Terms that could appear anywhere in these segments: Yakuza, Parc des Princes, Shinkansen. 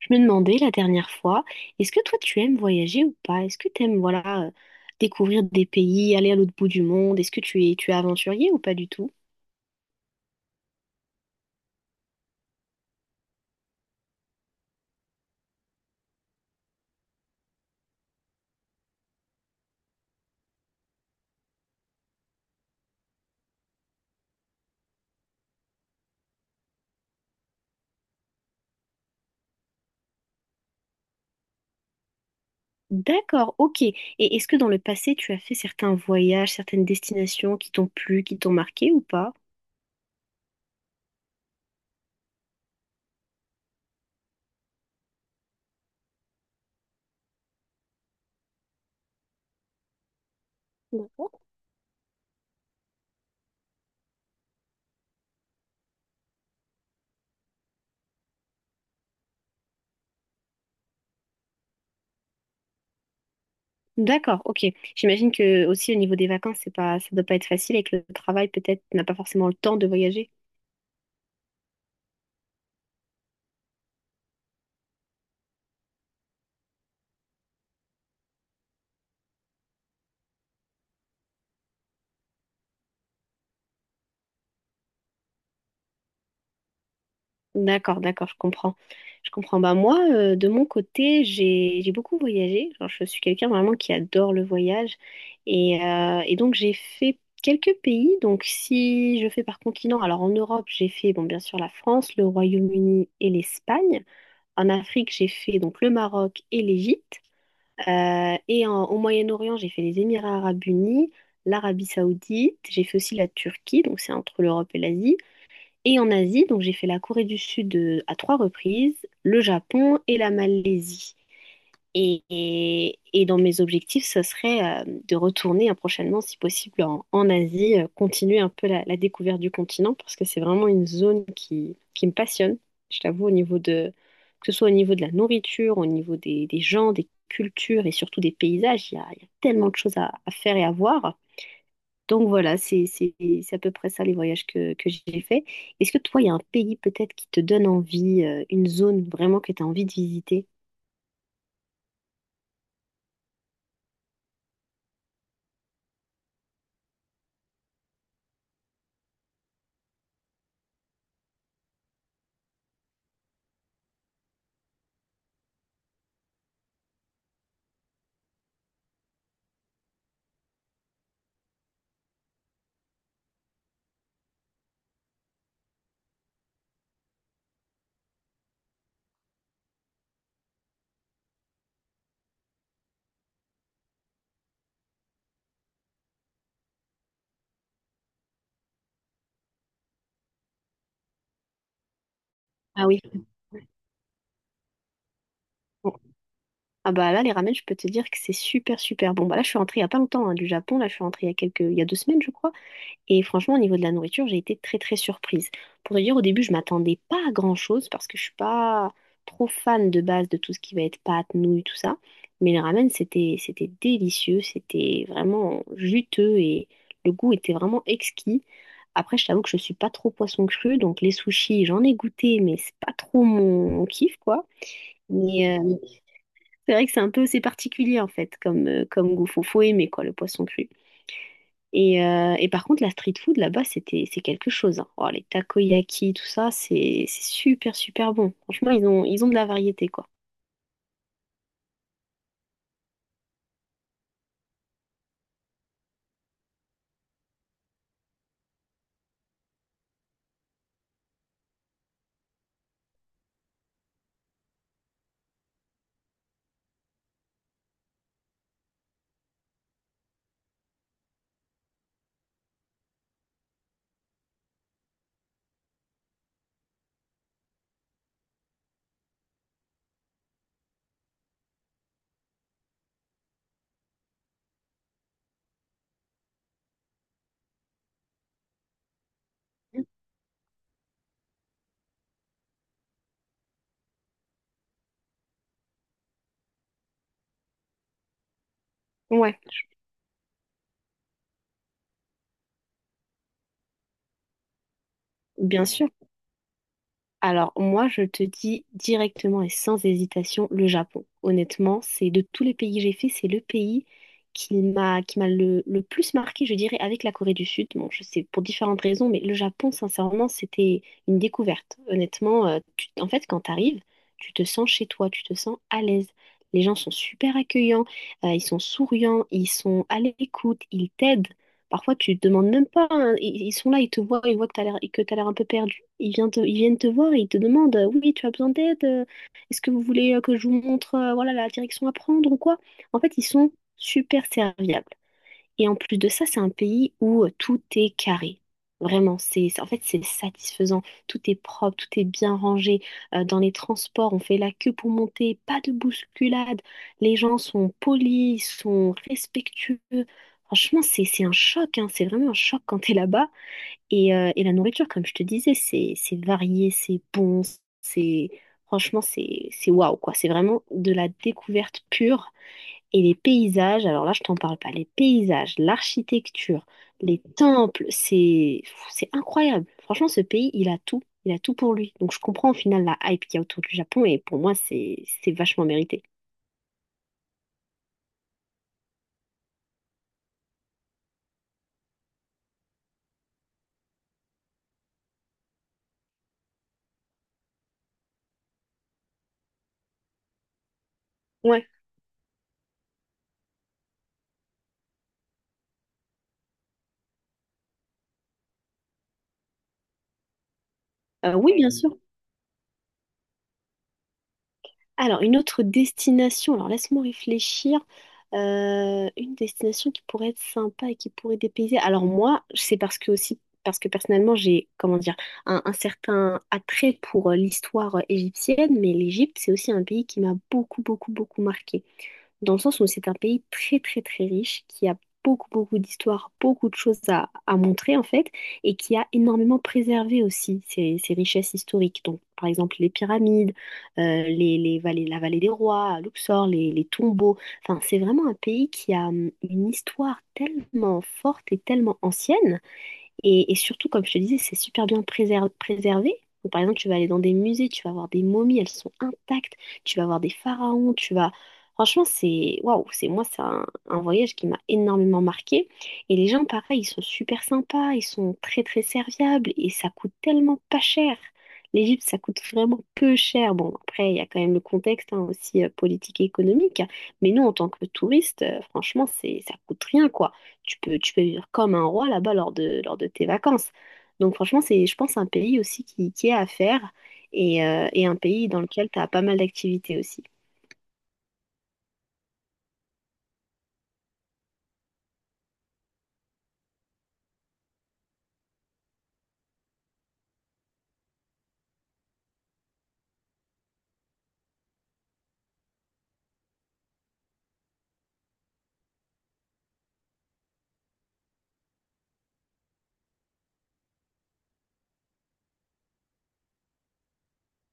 Je me demandais la dernière fois, est-ce que toi tu aimes voyager ou pas? Est-ce que tu aimes voilà découvrir des pays, aller à l'autre bout du monde? Est-ce que tu es aventurier ou pas du tout? D'accord, ok. Et est-ce que dans le passé tu as fait certains voyages, certaines destinations qui t'ont plu, qui t'ont marqué ou pas? D'accord. D'accord, ok. J'imagine que aussi au niveau des vacances, c'est pas, ça doit pas être facile et que le travail, peut-être n'a pas forcément le temps de voyager. D'accord, d'accord, je comprends. Je comprends. Bah moi, de mon côté, j'ai beaucoup voyagé. Genre, je suis quelqu'un vraiment qui adore le voyage. Et donc, j'ai fait quelques pays. Donc, si je fais par continent, alors en Europe, j'ai fait, bon, bien sûr, la France, le Royaume-Uni et l'Espagne. En Afrique, j'ai fait donc le Maroc et l'Égypte. Et au Moyen-Orient, j'ai fait les Émirats arabes unis, l'Arabie saoudite. J'ai fait aussi la Turquie, donc c'est entre l'Europe et l'Asie. Et en Asie, donc j'ai fait la Corée du Sud à trois reprises, le Japon et la Malaisie. Et, et dans mes objectifs, ce serait de retourner prochainement, si possible, en Asie, continuer un peu la découverte du continent, parce que c'est vraiment une zone qui me passionne, je t'avoue, au niveau de, que ce soit au niveau de la nourriture, au niveau des gens, des cultures et surtout des paysages, il y a tellement de choses à faire et à voir. Donc voilà, c'est à peu près ça les voyages que j'ai fait. Est-ce que toi, il y a un pays peut-être qui te donne envie, une zone vraiment que tu as envie de visiter? Ah oui. Bon. Ah bah là, les ramen, je peux te dire que c'est super, super bon. Bah là, je suis rentrée il n'y a pas longtemps hein, du Japon. Là, je suis rentrée il y a 2 semaines, je crois. Et franchement, au niveau de la nourriture, j'ai été très très surprise. Pour te dire, au début, je m'attendais pas à grand-chose parce que je suis pas trop fan de base de tout ce qui va être pâtes, nouilles, tout ça. Mais les ramen, c'était délicieux, c'était vraiment juteux et le goût était vraiment exquis. Après, je t'avoue que je suis pas trop poisson cru, donc les sushis, j'en ai goûté, mais c'est pas trop mon kiff, quoi. Mais c'est vrai que c'est un peu, c'est particulier en fait, comme, comme goût. Faut aimer quoi, le poisson cru. Et par contre, la street food là-bas, c'était, c'est quelque chose, hein. Oh, les takoyaki, tout ça, c'est super, super bon. Franchement, ils ont de la variété, quoi. Ouais, bien sûr. Alors moi, je te dis directement et sans hésitation le Japon. Honnêtement, c'est de tous les pays que j'ai fait, c'est le pays qui m'a le plus marqué, je dirais, avec la Corée du Sud. Bon, je sais, pour différentes raisons, mais le Japon, sincèrement, c'était une découverte. Honnêtement, en fait, quand tu arrives, tu te sens chez toi, tu te sens à l'aise. Les gens sont super accueillants, ils sont souriants, ils sont à l'écoute, ils t'aident. Parfois, tu te demandes même pas, hein. Ils sont là, ils te voient, ils voient que tu as l'air, que t'as l'air un peu perdu. Ils viennent te voir et ils te demandent, oui, tu as besoin d'aide? Est-ce que vous voulez que je vous montre, voilà, la direction à prendre ou quoi? En fait, ils sont super serviables. Et en plus de ça, c'est un pays où tout est carré. Vraiment, en fait, c'est satisfaisant. Tout est propre, tout est bien rangé. Dans les transports, on fait la queue pour monter, pas de bousculade. Les gens sont polis, ils sont respectueux. Franchement, c'est un choc, hein. C'est vraiment un choc quand t'es là-bas. Et la nourriture, comme je te disais, c'est varié, c'est bon, c'est, franchement, c'est waouh, quoi. C'est vraiment de la découverte pure. Et les paysages, alors là, je t'en parle pas, les paysages, l'architecture, les temples, c'est incroyable. Franchement, ce pays, il a tout pour lui. Donc je comprends au final la hype qu'il y a autour du Japon et pour moi, c'est vachement mérité. Ouais. Oui, bien sûr. Alors, une autre destination, alors laisse-moi réfléchir. Une destination qui pourrait être sympa et qui pourrait dépayser. Alors moi, c'est parce que aussi, parce que personnellement, j'ai, comment dire, un certain attrait pour l'histoire égyptienne, mais l'Égypte, c'est aussi un pays qui m'a beaucoup, beaucoup, beaucoup marqué, dans le sens où c'est un pays très très très riche, qui a beaucoup beaucoup d'histoires, beaucoup de choses à montrer en fait, et qui a énormément préservé aussi ses richesses historiques. Donc par exemple les pyramides, les vallées, la vallée des rois, à Luxor, les tombeaux. Enfin c'est vraiment un pays qui a une histoire tellement forte et tellement ancienne et surtout, comme je te disais, c'est super bien préservé. Donc, par exemple, tu vas aller dans des musées, tu vas voir des momies, elles sont intactes. Tu vas voir des pharaons, tu vas... Franchement, c'est... Waouh, c'est, moi, c'est un voyage qui m'a énormément marqué. Et les gens, pareil, ils sont super sympas, ils sont très, très serviables et ça coûte tellement pas cher. L'Égypte, ça coûte vraiment peu cher. Bon, après, il y a quand même le contexte, hein, aussi politique et économique. Mais nous, en tant que touristes, franchement, ça coûte rien, quoi, tu peux vivre comme un roi là-bas lors de tes vacances. Donc franchement, je pense, un pays aussi qui est à faire et un pays dans lequel tu as pas mal d'activités aussi.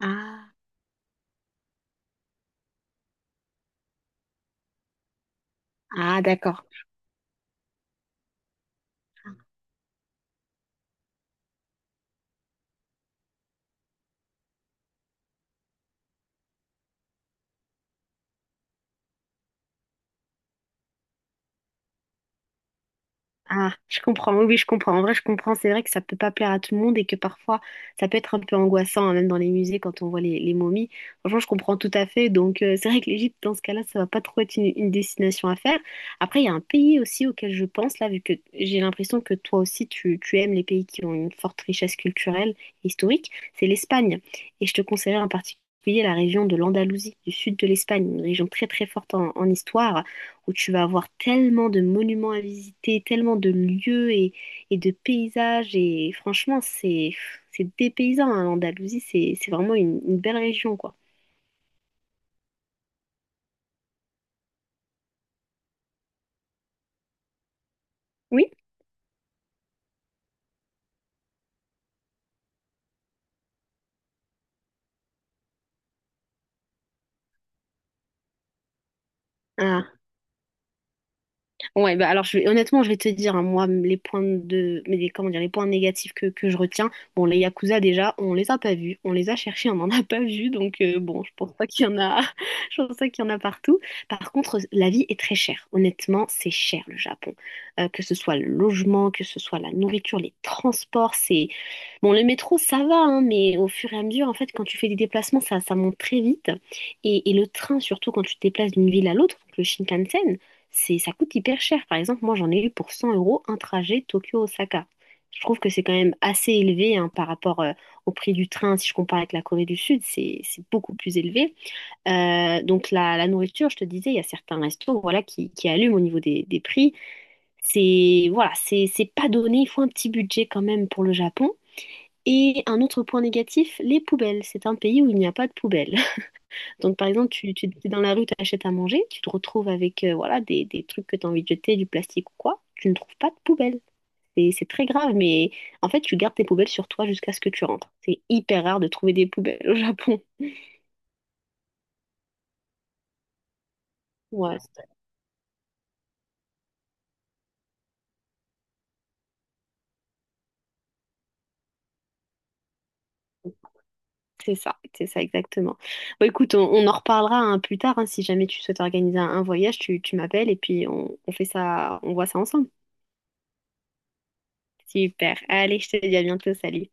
Ah, ah d'accord. Ah, je comprends. Oui, oui, je comprends. En vrai, je comprends. C'est vrai que ça peut pas plaire à tout le monde et que parfois, ça peut être un peu angoissant, hein, même dans les musées, quand on voit les momies. Franchement, je comprends tout à fait. Donc, c'est vrai que l'Égypte, dans ce cas-là, ça va pas trop être une destination à faire. Après, il y a un pays aussi auquel je pense, là, vu que j'ai l'impression que toi aussi, tu aimes les pays qui ont une forte richesse culturelle et historique, c'est l'Espagne. Et je te conseillerais en particulier la région de l'Andalousie, du sud de l'Espagne, une région très, très forte en histoire, où tu vas avoir tellement de monuments à visiter, tellement de lieux et de paysages. Et franchement, c'est dépaysant, hein, l'Andalousie, c'est vraiment une belle région, quoi. Oui. Ah. Ouais, bah alors je honnêtement, je vais te dire, hein, moi, les points de, mais les- comment dire, les points négatifs que je retiens, bon, les Yakuza déjà, on les a pas vus, on les a cherchés, on n'en a pas vu, donc bon, je pense pas qu'il y en a, je pense pas qu'il y en a partout. Par contre, la vie est très chère, honnêtement, c'est cher le Japon. Que ce soit le logement, que ce soit la nourriture, les transports, c'est bon, le métro, ça va, hein, mais au fur et à mesure, en fait, quand tu fais des déplacements, ça monte très vite. Et le train, surtout quand tu te déplaces d'une ville à l'autre, donc le Shinkansen, ça coûte hyper cher. Par exemple, moi, j'en ai eu pour 100 euros un trajet Tokyo-Osaka. Je trouve que c'est quand même assez élevé, hein, par rapport au prix du train. Si je compare avec la Corée du Sud, c'est beaucoup plus élevé. Donc, la nourriture, je te disais, il y a certains restos voilà, qui allument au niveau des prix. Voilà, c'est pas donné. Il faut un petit budget quand même pour le Japon. Et un autre point négatif, les poubelles. C'est un pays où il n'y a pas de poubelles. Donc, par exemple, tu es dans la rue, tu achètes à manger, tu te retrouves avec voilà, des trucs que tu as envie de jeter, du plastique ou quoi. Tu ne trouves pas de poubelle. Et c'est très grave, mais en fait, tu gardes tes poubelles sur toi jusqu'à ce que tu rentres. C'est hyper rare de trouver des poubelles au Japon. Ouais, c'est ça, c'est ça exactement. Bon, écoute, on en reparlera, hein, plus tard, hein, si jamais tu souhaites organiser un voyage, tu m'appelles et puis on fait ça, on voit ça ensemble. Super. Allez, je te dis à bientôt. Salut.